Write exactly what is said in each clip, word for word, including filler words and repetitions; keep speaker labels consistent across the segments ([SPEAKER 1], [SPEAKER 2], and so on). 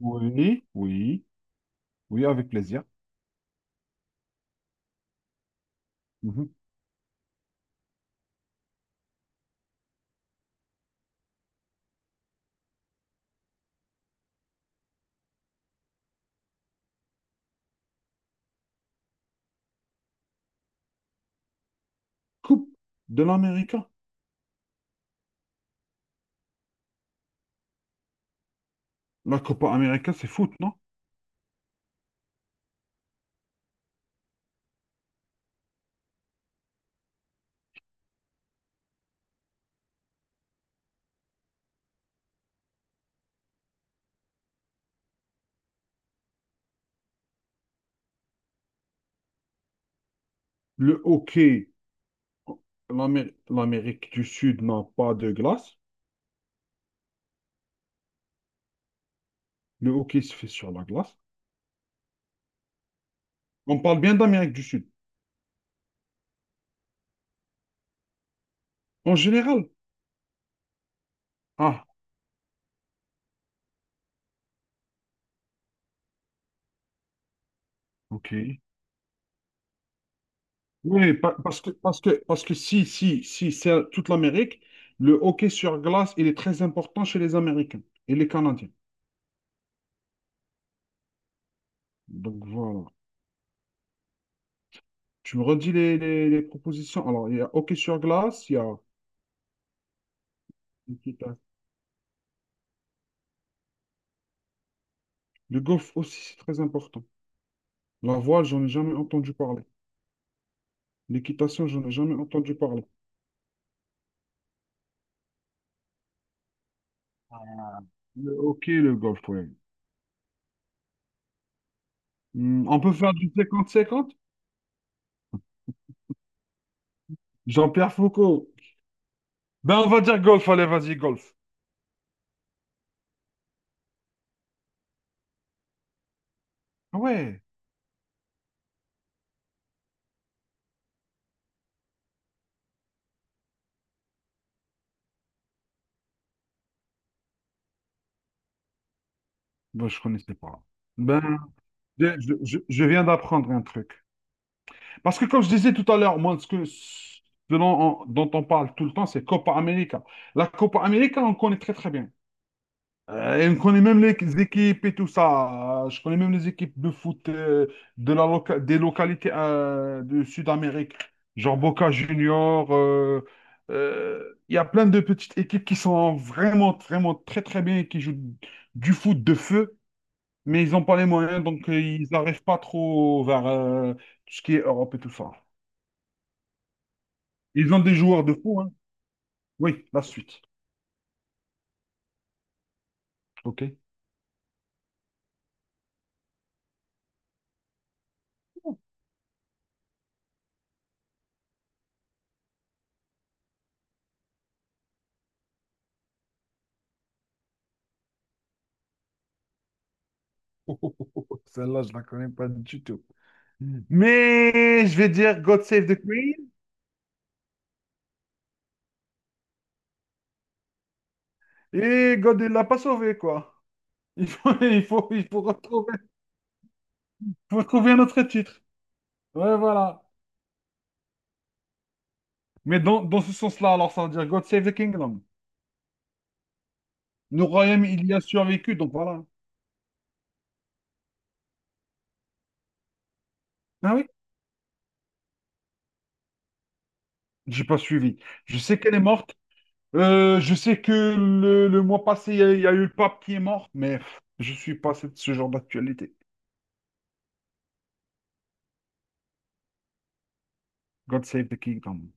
[SPEAKER 1] Oui, oui, oui, avec plaisir. Mhm. Coupe de l'Amérique. La Copa América, c'est foot, non? Le hockey, l'Amé- L'Amérique du Sud n'a pas de glace. Le hockey se fait sur la glace. On parle bien d'Amérique du Sud. En général. Ah, ok. Oui, pa- parce que, parce que, parce que si, si, si, c'est à toute l'Amérique, le hockey sur glace, il est très important chez les Américains et les Canadiens. Donc voilà. Tu me redis les, les, les propositions. Alors, il y a hockey sur glace, il y a l'équitation. Le golf aussi, c'est très important. La voile, j'en ai jamais entendu parler. L'équitation, j'en ai jamais entendu parler. Le hockey, le golf, ouais. Hmm, on peut faire du cinquante cinquante? Jean-Pierre Foucault. Ben, on va dire golf, allez, vas-y, golf. Ah ouais, ben, je connaissais pas. Ben, je, je- je- je viens d'apprendre un truc. Parce que comme je disais tout à l'heure, moi, ce que, ce dont on, dont on parle tout le temps, c'est Copa América. La Copa América, on connaît très très bien. Euh, et on connaît même les équipes et tout ça. Euh, Je connais même les équipes de foot, euh, de la loca- des localités, euh, de Sud-Amérique, genre Boca Junior. euh, euh, Il y a plein de petites équipes qui sont vraiment, vraiment très, très bien et qui jouent du foot de feu, mais ils n'ont pas les moyens, donc euh, ils n'arrivent pas trop vers euh, tout ce qui est Europe et tout ça. Ils ont des joueurs de fou, hein. Oui, la suite. OK. Celle-là, je la connais pas du tout. Mais je vais dire God Save the Queen et God ne l'a pas sauvé, quoi. Il faut, il faut, il faut retrouver, faut retrouver un autre titre. Ouais, voilà. Mais dans, dans ce sens-là, alors ça veut dire God Save the Kingdom. Le royaume, il y a survécu, donc voilà. Ah oui? J'ai pas suivi. Je sais qu'elle est morte. Euh, je sais que le, le mois passé, il y, a il y a eu le pape qui est mort, mais pff, je suis pas ce ce genre d'actualité. God Save the Kingdom.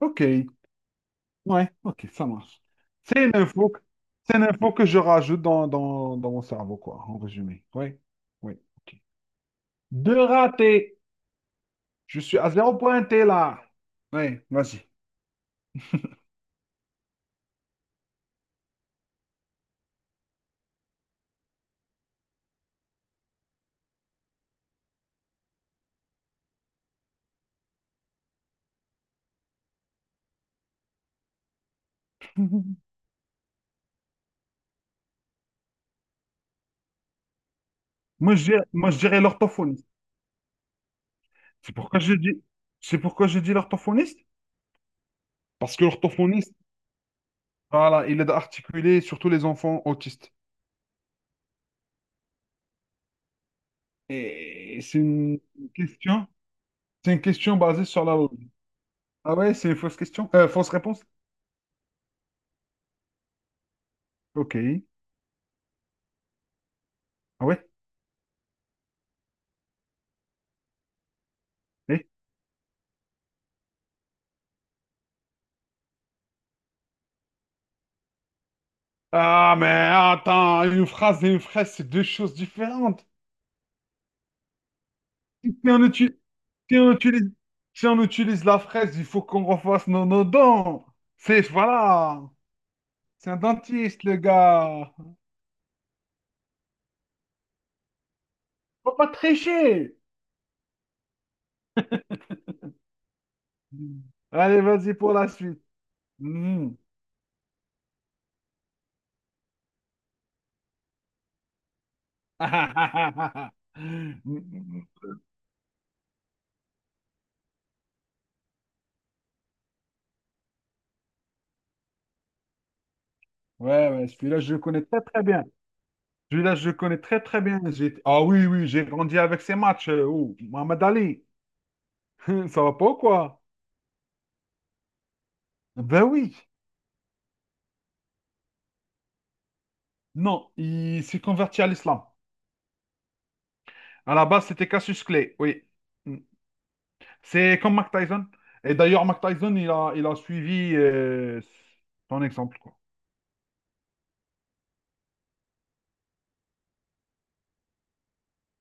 [SPEAKER 1] Ok. Ouais, ok, ça marche. C'est une info, que- c'est une info que je rajoute dans, dans, dans mon cerveau, quoi, en résumé. Oui, oui, ok. Deux ratés. Je suis à zéro pointé, là. Oui, vas-y. Moi, je dirais, moi, je dirais l'orthophoniste. C'est pourquoi je dis, c'est pourquoi je dis l'orthophoniste? Parce que l'orthophoniste, voilà, il aide à articuler surtout les enfants autistes. Et c'est une question, c'est une question basée sur la logique. Ah ouais, c'est une fausse question, euh, fausse réponse. Ok. Ah ouais. Ah, mais attends, une phrase et une fraise, c'est deux choses différentes. Si on utilise, si on utilise, si on utilise la fraise, il faut qu'on refasse nos, nos dents. C'est, voilà, c'est un dentiste, le gars. Faut pas tricher. Mmh. Allez, vas-y pour la suite. Mhm. Mhm. Ouais, ouais, celui-là, je le connais très, très bien. Celui-là, je le connais très, très bien. J'ai- Ah oui, oui, j'ai grandi avec ces matchs. euh, Oh, Mohamed Ali, ça va pas ou quoi? Ben oui. Non, il s'est converti à l'islam. À la base, c'était Cassius Clay, oui. Mm. C'est comme Mike Tyson. Et d'ailleurs, Mike Tyson, il a, il a suivi euh, son exemple, quoi.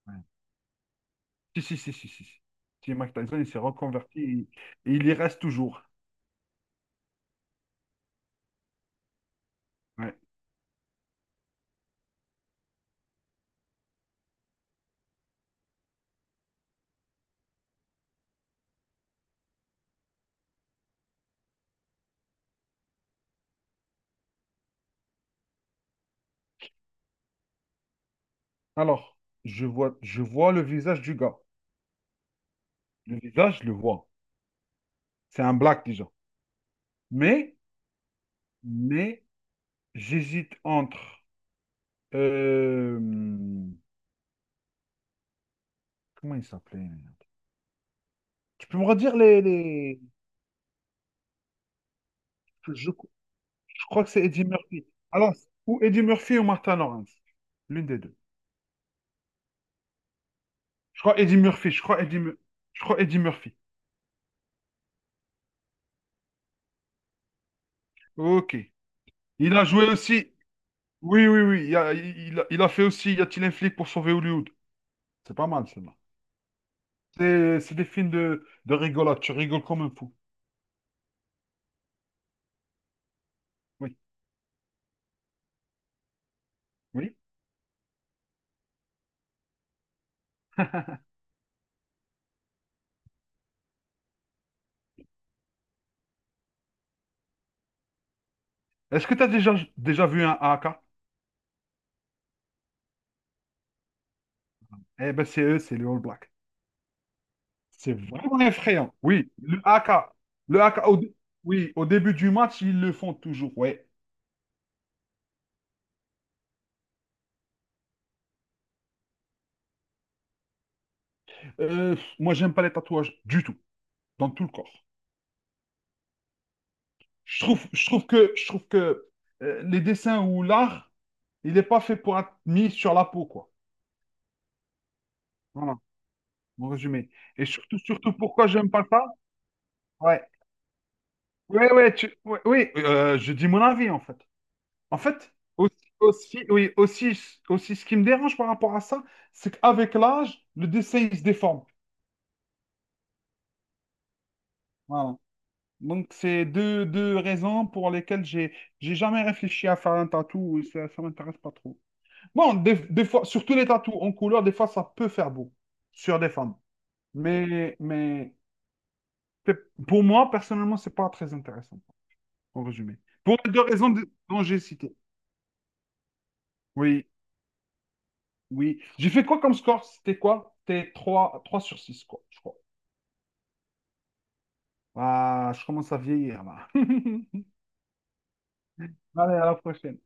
[SPEAKER 1] Ouais. Si, si, si, si, si. si. Si, Mike Tyson, il s'est reconverti et, et il y reste toujours. Ouais. Alors, je vois, je vois le visage du gars. Le visage, je le vois. C'est un black déjà. Mais, mais, j'hésite entre. euh, comment il s'appelait? Tu peux me redire les, les... Je, je crois que c'est Eddie Murphy. Alors, ou Eddie Murphy ou Martin Lawrence. L'une des deux. Je crois Eddie Murphy. Je crois Eddie, Mu- je crois Eddie Murphy. Ok. Il a joué aussi. Oui, oui, oui. Il a, il a- il a fait aussi Y a-t-il un flic pour sauver Hollywood? C'est pas mal, celle-là. C'est c'est des films de, de rigolade. Tu rigoles comme un fou. Oui. Oui. Est-ce que tu as déjà, déjà vu un A K? Eh ben, c'est eux, c'est les All Blacks. C'est vraiment effrayant. Oui, le A K. Le A K, au, dé- oui, au début du match, ils le font toujours. Oui, Euh, moi, j'aime pas les tatouages du tout, dans tout le corps. Je trouve, je trouve que, je trouve que euh, les dessins ou l'art, il n'est pas fait pour être mis sur la peau, quoi. Voilà, mon résumé. Et surtout, surtout pourquoi j'aime pas ça? Ouais. Ouais, ouais, tu- ouais, oui, euh, je dis mon avis, en fait. En fait, aussi, aussi, oui, aussi, aussi, ce qui me dérange par rapport à ça, c'est qu'avec l'âge, le dessin, il se déforme. Voilà. Donc, c'est deux, deux raisons pour lesquelles j'ai j'ai jamais réfléchi à faire un tatou. Ça, ça m'intéresse pas trop. Bon, des, des fois, surtout les tatous en couleur, des fois, ça peut faire beau sur des femmes. Mais, mais pe- pour moi, personnellement, c'est pas très intéressant, en résumé. Pour les deux raisons de- dont j'ai cité. Oui, oui. J'ai fait quoi comme score? C'était quoi? C'était trois, trois sur six quoi, je crois. Ah, je commence à vieillir, là. Allez, à la prochaine.